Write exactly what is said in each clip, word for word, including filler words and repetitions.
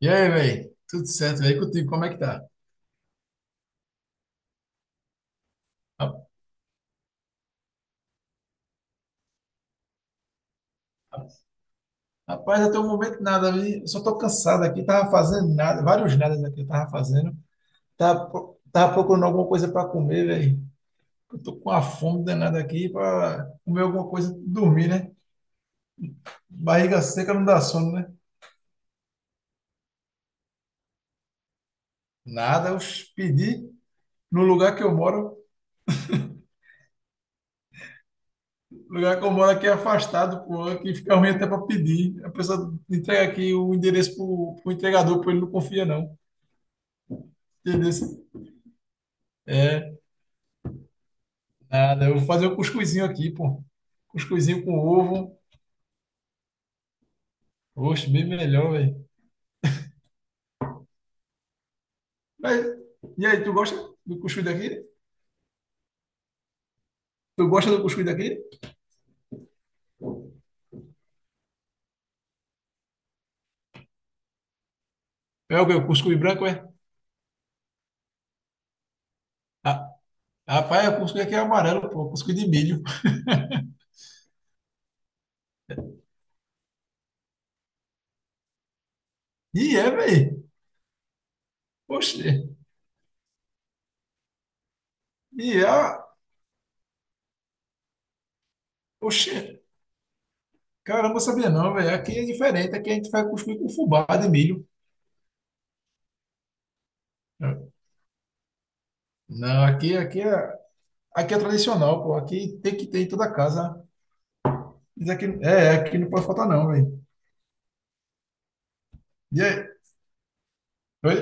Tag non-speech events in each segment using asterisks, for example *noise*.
E aí, velho? Tudo certo, velho? Contigo, como é que tá? Ra- ra- Rapaz, até o momento nada, vi. Eu só tô cansado aqui, tava fazendo nada, vários nadas aqui eu tava fazendo. Tava, pro- tava procurando alguma coisa para comer, velho. Eu tô com uma fome danada aqui para comer alguma coisa, e dormir, né? Barriga seca não dá sono, né? Nada, eu pedi no lugar que eu moro. O lugar que eu moro aqui é afastado, pô, aqui fica ruim até para pedir. A pessoa entrega aqui o endereço pro, pro entregador, pô, ele não confia não. Entendeu? É. Nada, eu vou fazer o cuscuzinho aqui, pô. Cuscuzinho com ovo. Oxe, bem melhor, velho. Mas, e aí, tu gosta do cuscuz daqui? Tu gosta do cuscuz daqui? É o quê? O cuscuz branco, é? Ah, rapaz, o cuscuz aqui é amarelo, pô. Cuscuz de milho. E é, velho. Oxe. E é. Oxe. Caramba, eu sabia não, velho. Aqui é diferente. Aqui a gente faz cuscuz com fubá de milho. Não, aqui, aqui é, aqui é tradicional, pô. Aqui tem que ter em toda casa. Mas aqui, é, aqui não pode faltar não, velho. E aí? Oi?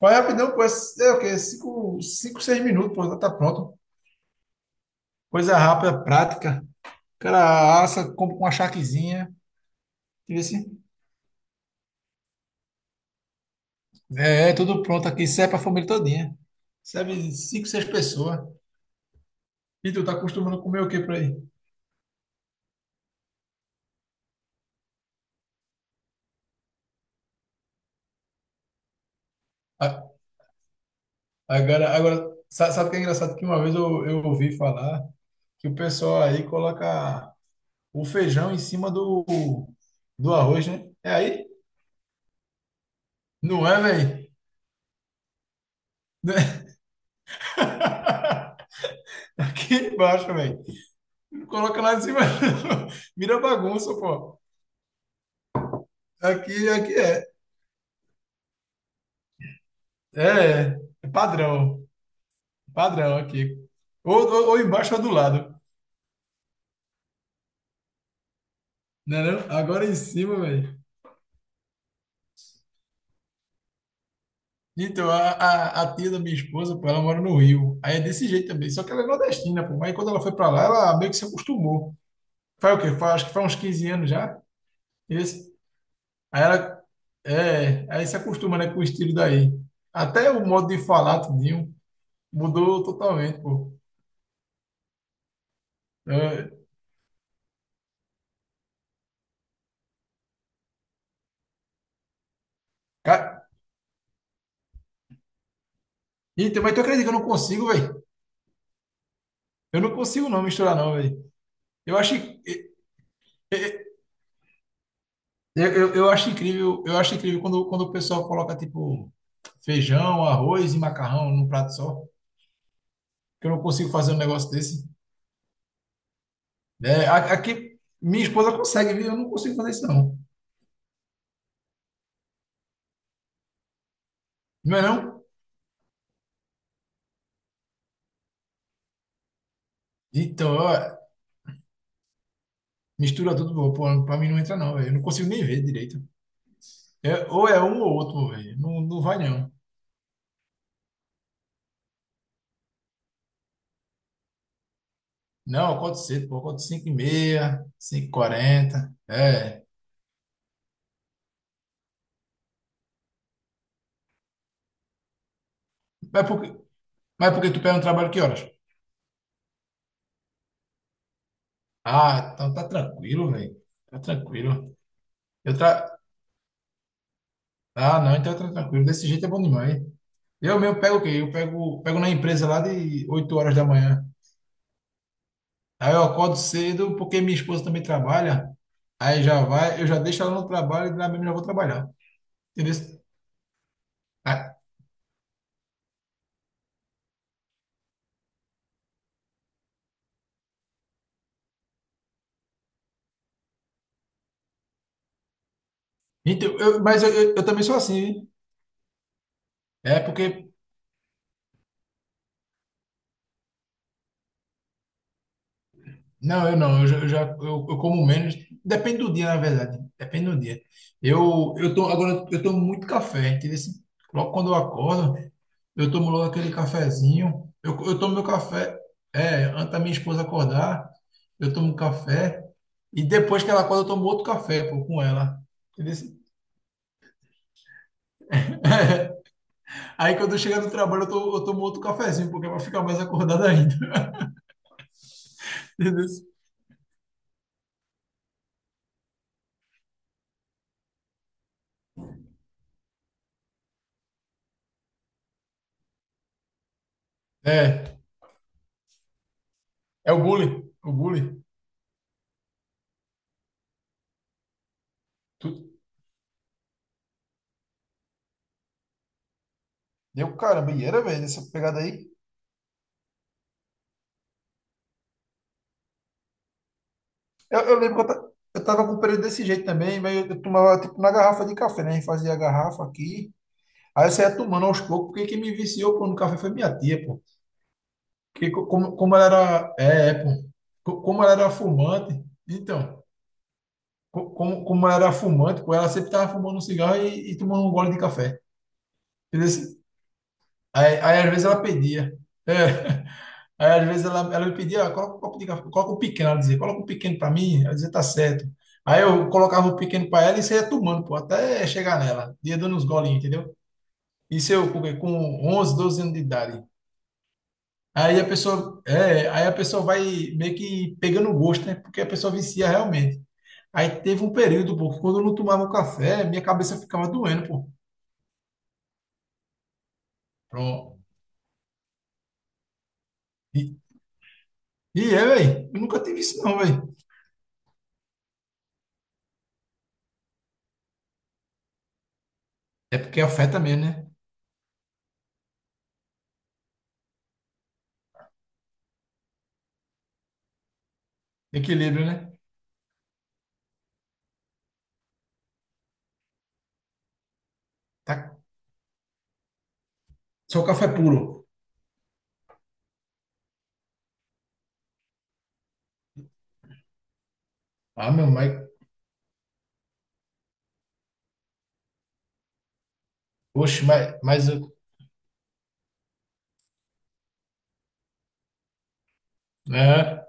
Foi rapidão, pô. É, é o quê? Cinco, cinco, seis minutos, pô, já tá pronto. Coisa rápida, prática. O cara assa, compra uma charquezinha. Entendeu assim? É, é tudo pronto aqui. Serve pra família todinha. Serve cinco, seis pessoas. E tu tá acostumando a comer o quê por aí? A- Agora, agora, sa- sabe o que é engraçado? Que uma vez eu, eu ouvi falar que o pessoal aí coloca o feijão em cima do, do arroz, né? É aí? Não é, velho? *laughs* Aqui embaixo, velho. Coloca lá em cima. *laughs* Vira bagunça, pô. Aqui, aqui é. É, é padrão. Padrão aqui. Ou, ou, ou embaixo ou do lado. Né, não? Agora em cima, velho. Então, a, a, a tia da minha esposa, pô, ela mora no Rio. Aí é desse jeito também. Só que ela é nordestina, pô. Mas quando ela foi pra lá, ela meio que se acostumou. Faz o quê? Faz, acho que faz uns quinze anos já. Esse. Aí ela. É, aí se acostuma, né, com o estilo daí. Até o modo de falar, tudinho, mudou totalmente, pô. É, ca- Então, mas tu acredita que eu não consigo, velho? Eu não consigo não misturar não, velho. Eu acho, eu, eu, eu acho incrível, eu acho incrível quando, quando o pessoal coloca tipo feijão, arroz e macarrão num prato só. Que eu não consigo fazer um negócio desse. É, a- aqui minha esposa consegue, viu? Eu não consigo fazer isso não. Não é não? Então, ó, mistura tudo, pô, pô, pra mim não entra não, velho. Eu não consigo nem ver direito. É, ou é um ou outro, velho. Não, não vai não. Não, eu acordo cedo, pô. Eu acordo cinco h e meia cinco e quarenta. É. Mas por, Mas porque tu pega um trabalho que horas? Ah, então tá tranquilo, velho. Tá tranquilo. Eu tra... Ah, não, então tá tranquilo. Desse jeito é bom demais. Eu mesmo pego o quê? Eu pego, pego na empresa lá de oito horas da manhã. Aí eu acordo cedo porque minha esposa também trabalha. Aí já vai, eu já deixo ela no trabalho e lá mesmo já vou trabalhar. Entendeu? Ah, então, eu- mas eu, eu, eu também sou assim, hein? É porque não, eu não. Eu já, eu, já- eu- eu como menos. Depende do dia, na verdade. Depende do dia. Eu, eu tô, agora eu tomo muito café. Entendeu? Assim, logo quando eu acordo, eu tomo logo aquele cafezinho. Eu, eu tomo meu café. É, antes da minha esposa acordar, eu tomo café. E depois que ela acorda, eu tomo outro café, pô, com ela. Entendeu assim? *laughs* Aí quando eu chegar no trabalho, eu, to- eu tomo outro cafezinho, porque vai ficar mais acordado ainda. *laughs* Entendeu assim? É, é o bullying. O bullying. Deu caramba, e era, velho, essa pegada aí. Eu, eu lembro que eu, ta- eu tava com um período desse jeito também, mas eu, eu tomava tipo na garrafa de café, né? A gente fazia a garrafa aqui, aí eu saía tomando aos poucos, porque quem me viciou pô, no café foi minha tia, pô. Porque co- como, como ela era. É, é, pô. Co- Como ela era fumante, então, co- como, como ela era fumante, pô, ela sempre tava fumando um cigarro e, e tomando um gole de café. Entendeu? Aí, aí às vezes ela pedia. É. Aí, às vezes, ela, ela me pedia: "Ah, coloca o copo de café, coloca o pequeno", ela dizia, "coloca o pequeno para mim", ela dizia, "tá certo". Aí eu colocava o pequeno para ela e saía tomando, pô, até chegar nela, ia dando uns golinhos, entendeu? Isso eu com com onze, doze anos de idade. Aí a pessoa, é, aí a pessoa vai meio que pegando o gosto, né? Porque a pessoa vicia realmente. Aí teve um período, pô, que quando eu não tomava o café, minha cabeça ficava doendo, pô. Pronto. E, e é, velho, eu nunca tive isso não, velho. É porque afeta mesmo, né? Equilíbrio, né? Tá, só café puro. Ah, meu, mas. Oxe, mas. mas eu- é,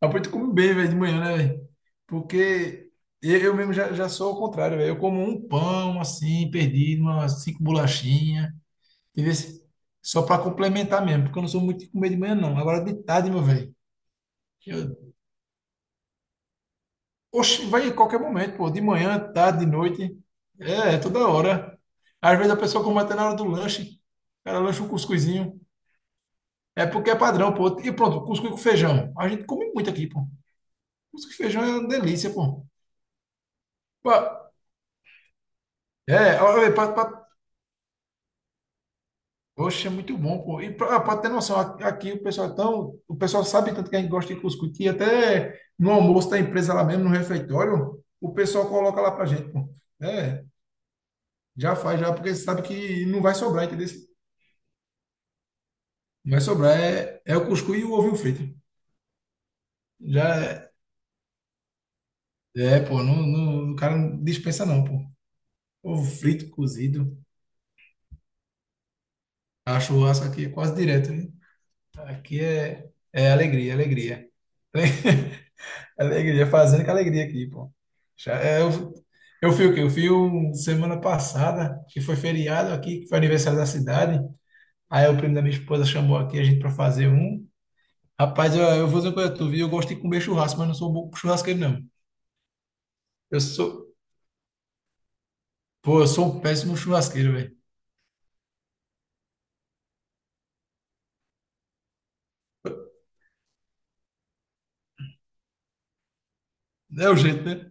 apoio tu come bem, velho, de manhã, né, velho? Porque eu, eu mesmo já, já sou ao contrário, velho. Eu como um pão, assim, perdido, umas cinco bolachinhas, entendeu? Só pra complementar mesmo, porque eu não sou muito de comer de manhã, não. Agora de tarde, meu velho. eu- Oxe, vai em qualquer momento, pô. De manhã, tarde, de noite. É, é toda hora. Às vezes a pessoa come até na hora do lanche. O cara lancha um cuscuzinho. É porque é padrão, pô. E pronto, cuscuz com feijão. A gente come muito aqui, pô. Música de feijão é uma delícia, pô. Pa- É, olha, pra, pra, oxe, é muito bom, pô. E pra, ah, pra ter noção, a- aqui o pessoal é tão, o pessoal sabe tanto que a gente gosta de cuscuz, que até no almoço da empresa lá mesmo, no refeitório, o pessoal coloca lá pra gente, pô. É, já faz, já, porque sabe que não vai sobrar, entendeu? Não vai sobrar, é, é o cuscuz e o ovinho frito. Já é, é, pô, não, não, o cara não dispensa não, pô. Ovo frito, cozido, a churrasco aqui é quase direto, né? Aqui é, é alegria, alegria. *laughs* Alegria, fazendo com alegria aqui, pô. Já, é, eu, eu fui o quê? Eu fui um- semana passada, que foi feriado aqui, que foi aniversário da cidade. Aí o primo da minha esposa chamou aqui a gente para fazer um. Rapaz, eu, eu vou dizer uma coisa, a tu viu? Eu gosto de comer churrasco, mas não sou bom churrasqueiro, não. Eu sou, pô, eu sou um péssimo churrasqueiro, velho. É o jeito, né?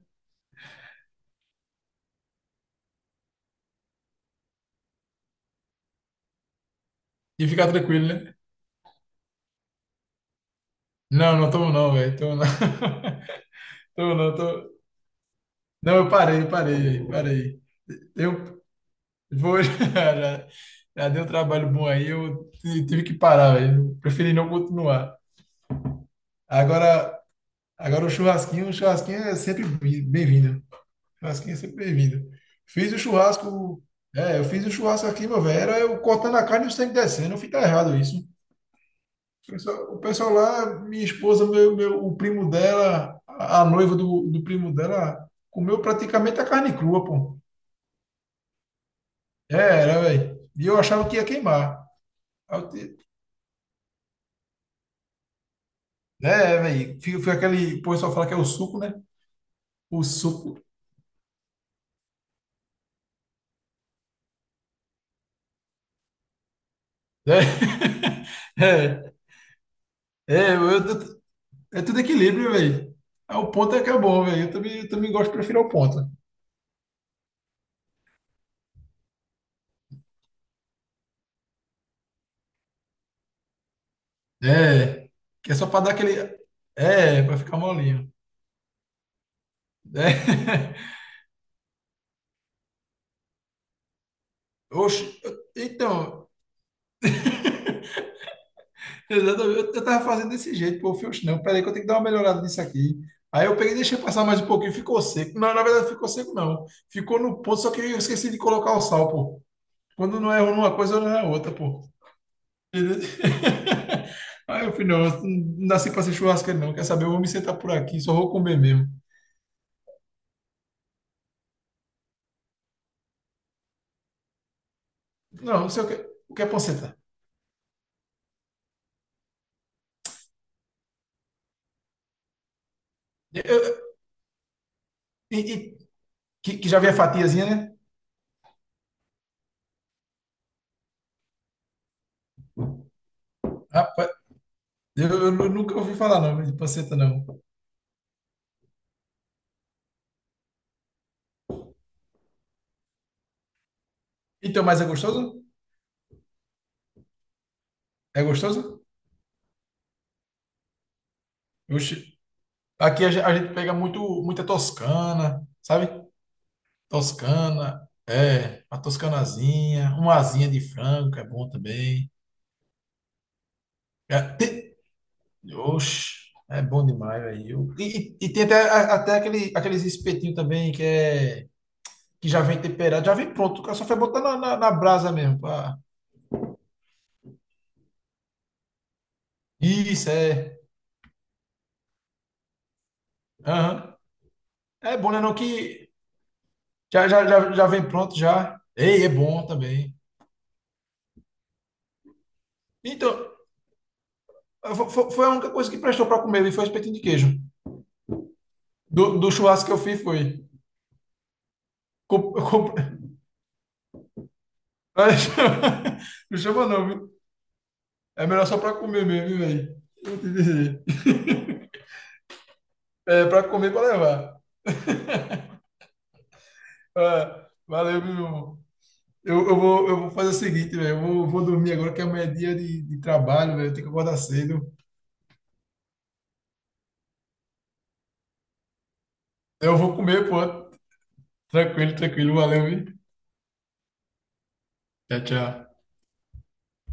E ficar tranquilo, né? Não, não tomo não, velho. Tomo não. *laughs* Tomo não, tô... Não, eu parei, parei, velho, parei. Eu vou, *laughs* já, já deu um trabalho bom aí, eu t- tive que parar, velho. Preferi não continuar. Agora, agora o churrasquinho, o churrasquinho é sempre bi- bem-vindo. Churrasquinho é sempre bem-vindo. Fiz o churrasco, é, eu fiz o churrasco aqui, meu velho, era eu cortando a carne e o sangue descendo, fica errado isso. O pessoal, o pessoal lá, minha esposa, meu, meu, o primo dela, a, a noiva do, do primo dela, comeu praticamente a carne crua, pô. É, era, velho. E eu achava que ia queimar. É, é, velho. Fica, fica aquele. O pessoal fala que é o suco, né? O suco. É, *laughs* é, é, eu- eu- é tudo equilíbrio, velho. É, o ponto é que é bom, velho. Eu também, eu também gosto prefiro o ponto. É, que é só pra dar aquele. É, pra ficar molinho. É. *laughs* Oxe, eu- então, exatamente, eu, eu tava fazendo desse jeito, pô, eu falei, oxe, não, peraí que eu tenho que dar uma melhorada nisso aqui. Aí eu peguei, e deixei passar mais um pouquinho, ficou seco. Não, na verdade, ficou seco, não. Ficou no ponto, só que eu esqueci de colocar o sal, pô. Quando não é uma coisa, não é outra, pô. *laughs* Aí eu falei, não, eu não nasci pra ser churrasqueiro, não. Quer saber? Eu vou me sentar por aqui, só vou comer mesmo. Não, não sei o que. O que é panceta? Eu, e, e- que, que já vem a fatiazinha, né? Rapaz, eu, eu nu- nunca ouvi falar não, de panceta, não. Então, mas é gostoso? É gostoso? Oxi. Aqui a, ge- a gente pega muito, muita toscana, sabe? Toscana, é, uma toscanazinha, uma asinha de frango, que é bom também. É, tem- Oxe, é bom demais, velho. E, e- e tem até, a- até aquele, aqueles espetinhos também que é que já vem temperado, já vem pronto. O cara só foi botar na, na, na brasa mesmo. Pá. Isso, é. Aham. É bom, né? Não que já, já, já, já vem pronto, já. Ei, é bom também. Então, fo- fo- foi a única coisa que prestou para comer, viu? Foi o espetinho de queijo. Do, do churrasco que eu fiz foi. Com- com- *laughs* Não chama não, viu? É melhor só para comer mesmo, viu, velho. Eu te dizer. É, para comer, para levar. Ah, valeu, meu irmão. Eu, eu vou, eu vou fazer o seguinte, velho. Eu vou, vou dormir agora que amanhã é dia de, de trabalho, velho. Eu tenho que acordar cedo. Eu vou comer, pô. Tranquilo, tranquilo. Valeu, viu? Tchau, tchau.